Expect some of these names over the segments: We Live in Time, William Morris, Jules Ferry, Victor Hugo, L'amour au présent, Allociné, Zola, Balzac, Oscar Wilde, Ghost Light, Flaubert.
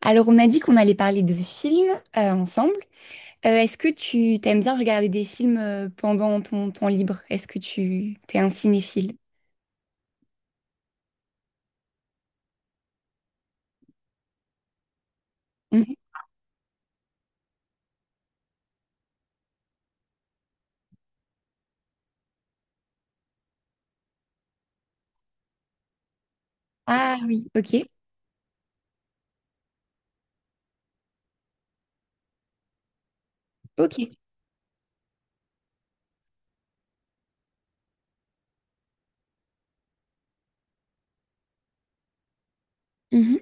Alors, on a dit qu'on allait parler de films ensemble. Est-ce que tu t'aimes bien regarder des films pendant ton temps libre? Est-ce que tu t'es un cinéphile? Mhm. Ah oui, ok, ok. Mhm.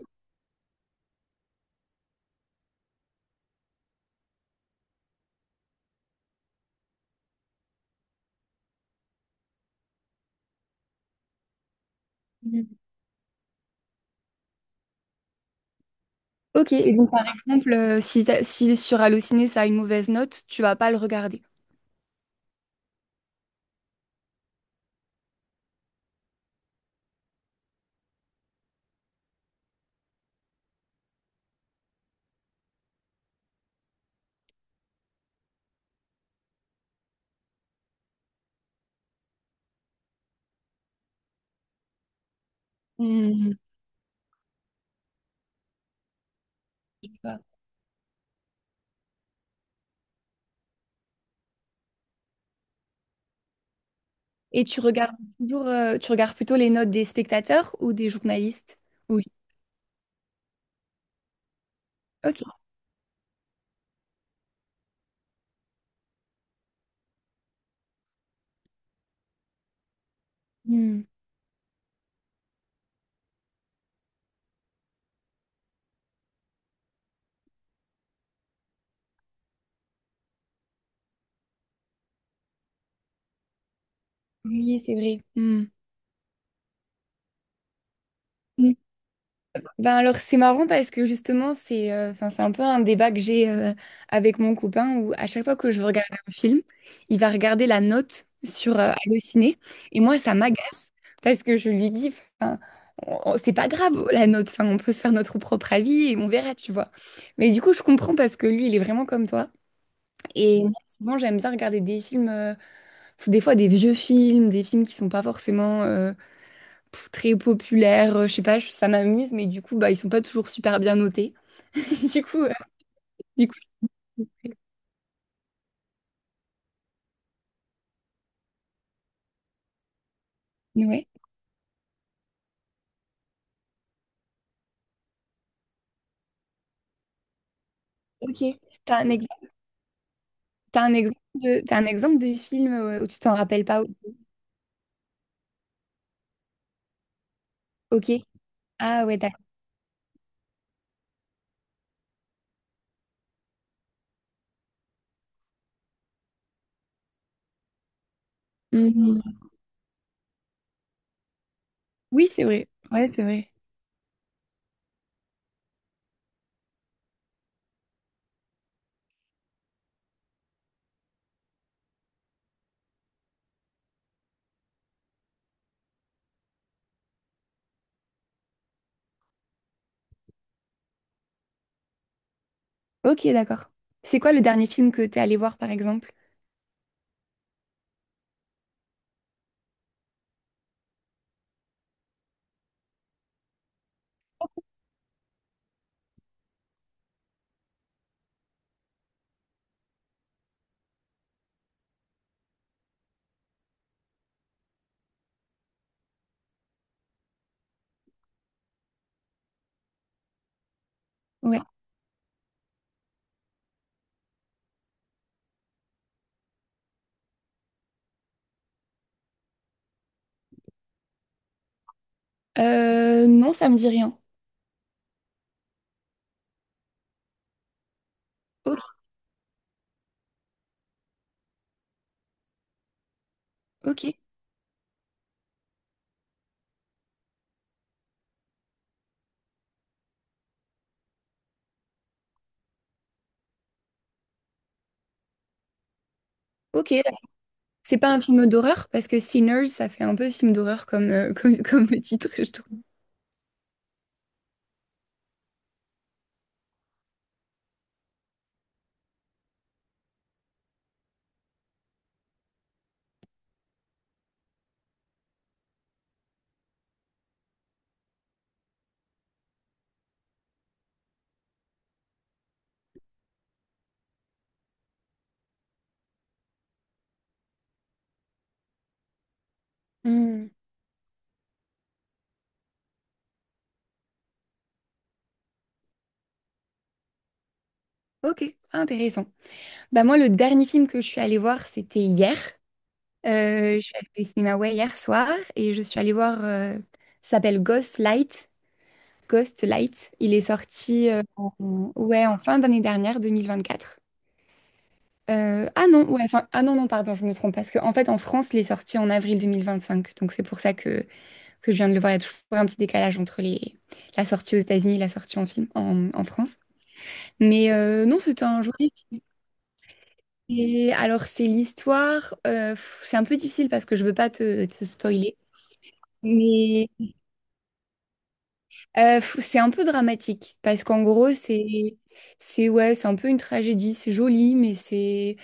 Mhm. Ok, et donc par exemple, si, t'as- si sur Allociné ça a une mauvaise note, tu vas pas le regarder. Mhm. Et tu regardes toujours, tu regardes plutôt les notes des spectateurs ou des journalistes? Oui. Ok. Mhm. Oui, c'est vrai. Mhm. Ben alors c'est marrant parce que justement c'est enfin c'est un peu un débat que j'ai avec mon copain où à chaque fois que je veux regarder un film, il va regarder la note sur Allociné et moi ça m'agace parce que je lui dis enfin c'est pas grave la note, enfin on peut se faire notre propre avis et on verra, tu vois. Mais du coup je comprends parce que lui il est vraiment comme toi et moi souvent j'aime bien regarder des films des fois des vieux films, des films qui sont pas forcément très populaires, je sais pas, ça m'amuse, mais du coup, bah, ils sont pas toujours super bien notés. Du coup, euh, du coup, ouais. Ok. T'as un exemple, t'as un exemple de, t'as un exemple de film où tu t'en rappelles pas? Ou- Ok. Ah ouais, d'accord. Mhm. Oui, c'est vrai. Ouais, c'est vrai. Ok, d'accord. C'est quoi le dernier film que t'es allé voir, par exemple? Ouais. Non, ça me dit rien. Ok, ok. Ok, c'est pas un film d'horreur parce que Sinners, ça fait un peu film d'horreur comme, comme, comme titre, je trouve. Hmm. Ok, intéressant. Bah moi, le dernier film que je suis allée voir, c'était hier. Je suis allée au cinéma ouais, hier soir et je suis allée voir, ça s'appelle Ghost Light. Ghost Light. Il est sorti en, ouais, en fin d'année dernière, 2024. Ah non, ouais, enfin, ah non, non, pardon, je me trompe parce qu'en fait, en France, il est sorti en avril 2025. Donc c'est pour ça que je viens de le voir. Il y a toujours un petit décalage entre les, la sortie aux États-Unis et la sortie en film en, en France. Mais non, c'était un joli. Et alors, c'est l'histoire. C'est un peu difficile parce que je veux pas te, te spoiler. Mais c'est un peu dramatique parce qu'en gros, c'est ouais, c'est un peu une tragédie. C'est joli, mais c'est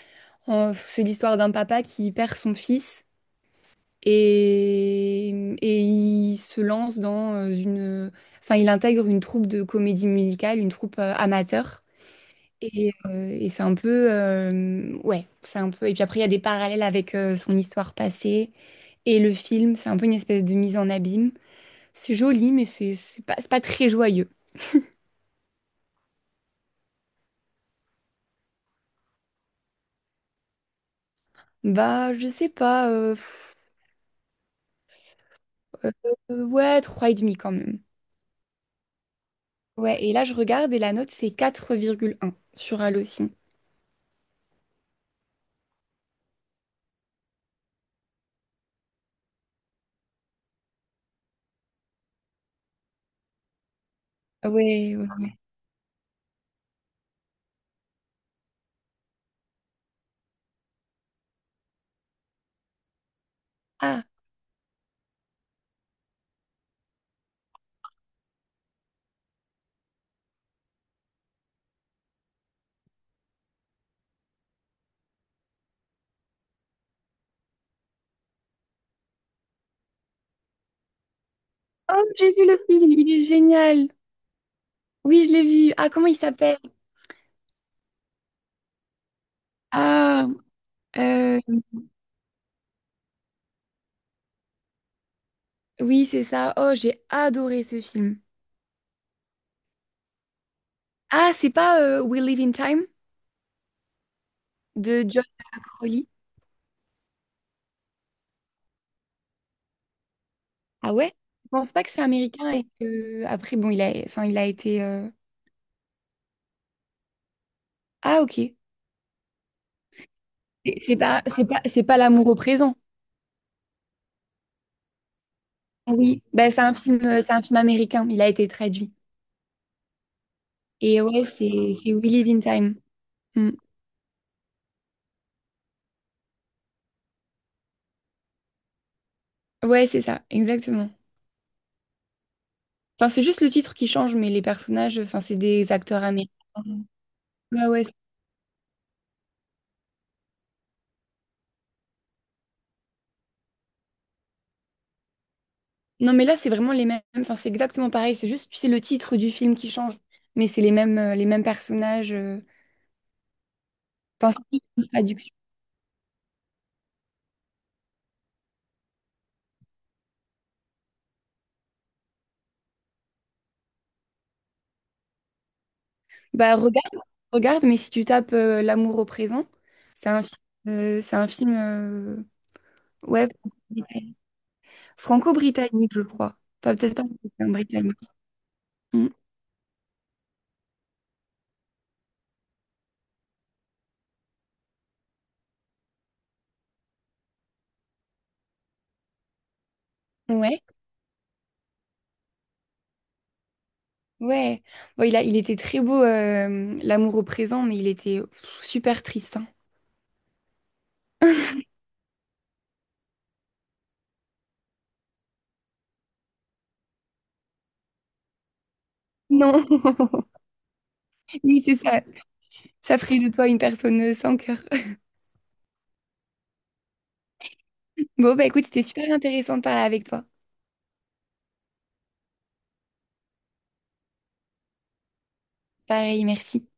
euh, c'est l'histoire d'un papa qui perd son fils et et il se lance dans une. Enfin, il intègre une troupe de comédie musicale, une troupe amateur. Et c'est un peu, ouais, c'est un peu. Et puis après, il y a des parallèles avec son histoire passée. Et le film, c'est un peu une espèce de mise en abîme. C'est joli, mais c'est pas, c'est pas très joyeux. Bah, je sais pas. Euh, ouais, 3,5 quand même. Ouais, et là, je regarde et la note, c'est 4,1 sur Allociné. Ouais, ouais, ouais. Ah, oh, j'ai vu le film, il est génial. Oui, je l'ai vu. Ah, comment il s'appelle? Ah, euh, oui, c'est ça. Oh, j'ai adoré ce film. Ah, c'est pas We Live in Time de John. Ah ouais? Je pense pas que c'est américain et que après bon il a enfin il a été Ah ok. Et c'est pas l'amour au présent. Oui, bah, c'est un film américain, il a été traduit. Et ouais, c'est We Live in Time. Mm. Ouais, c'est ça, exactement. Enfin, c'est juste le titre qui change mais les personnages enfin c'est des acteurs américains. Ouais, ouais. Non mais là c'est vraiment les mêmes, enfin c'est exactement pareil, c'est juste tu sais le titre du film qui change mais c'est les mêmes personnages. Enfin, c'est juste une traduction. Bah regarde, regarde, mais si tu tapes L'amour au présent, c'est un, fi- c'est un film ouais, franco-britannique, je crois. Pas peut-être pas mais britannique. Mm. Ouais, ouais. Bon, il a, il était très beau, L'amour au présent, mais il était pff, super triste, hein. Non. Oui, c'est ça. Ça ferait de toi une personne sans cœur. Bon, bah écoute, c'était super intéressant de parler avec toi. Pareil, merci.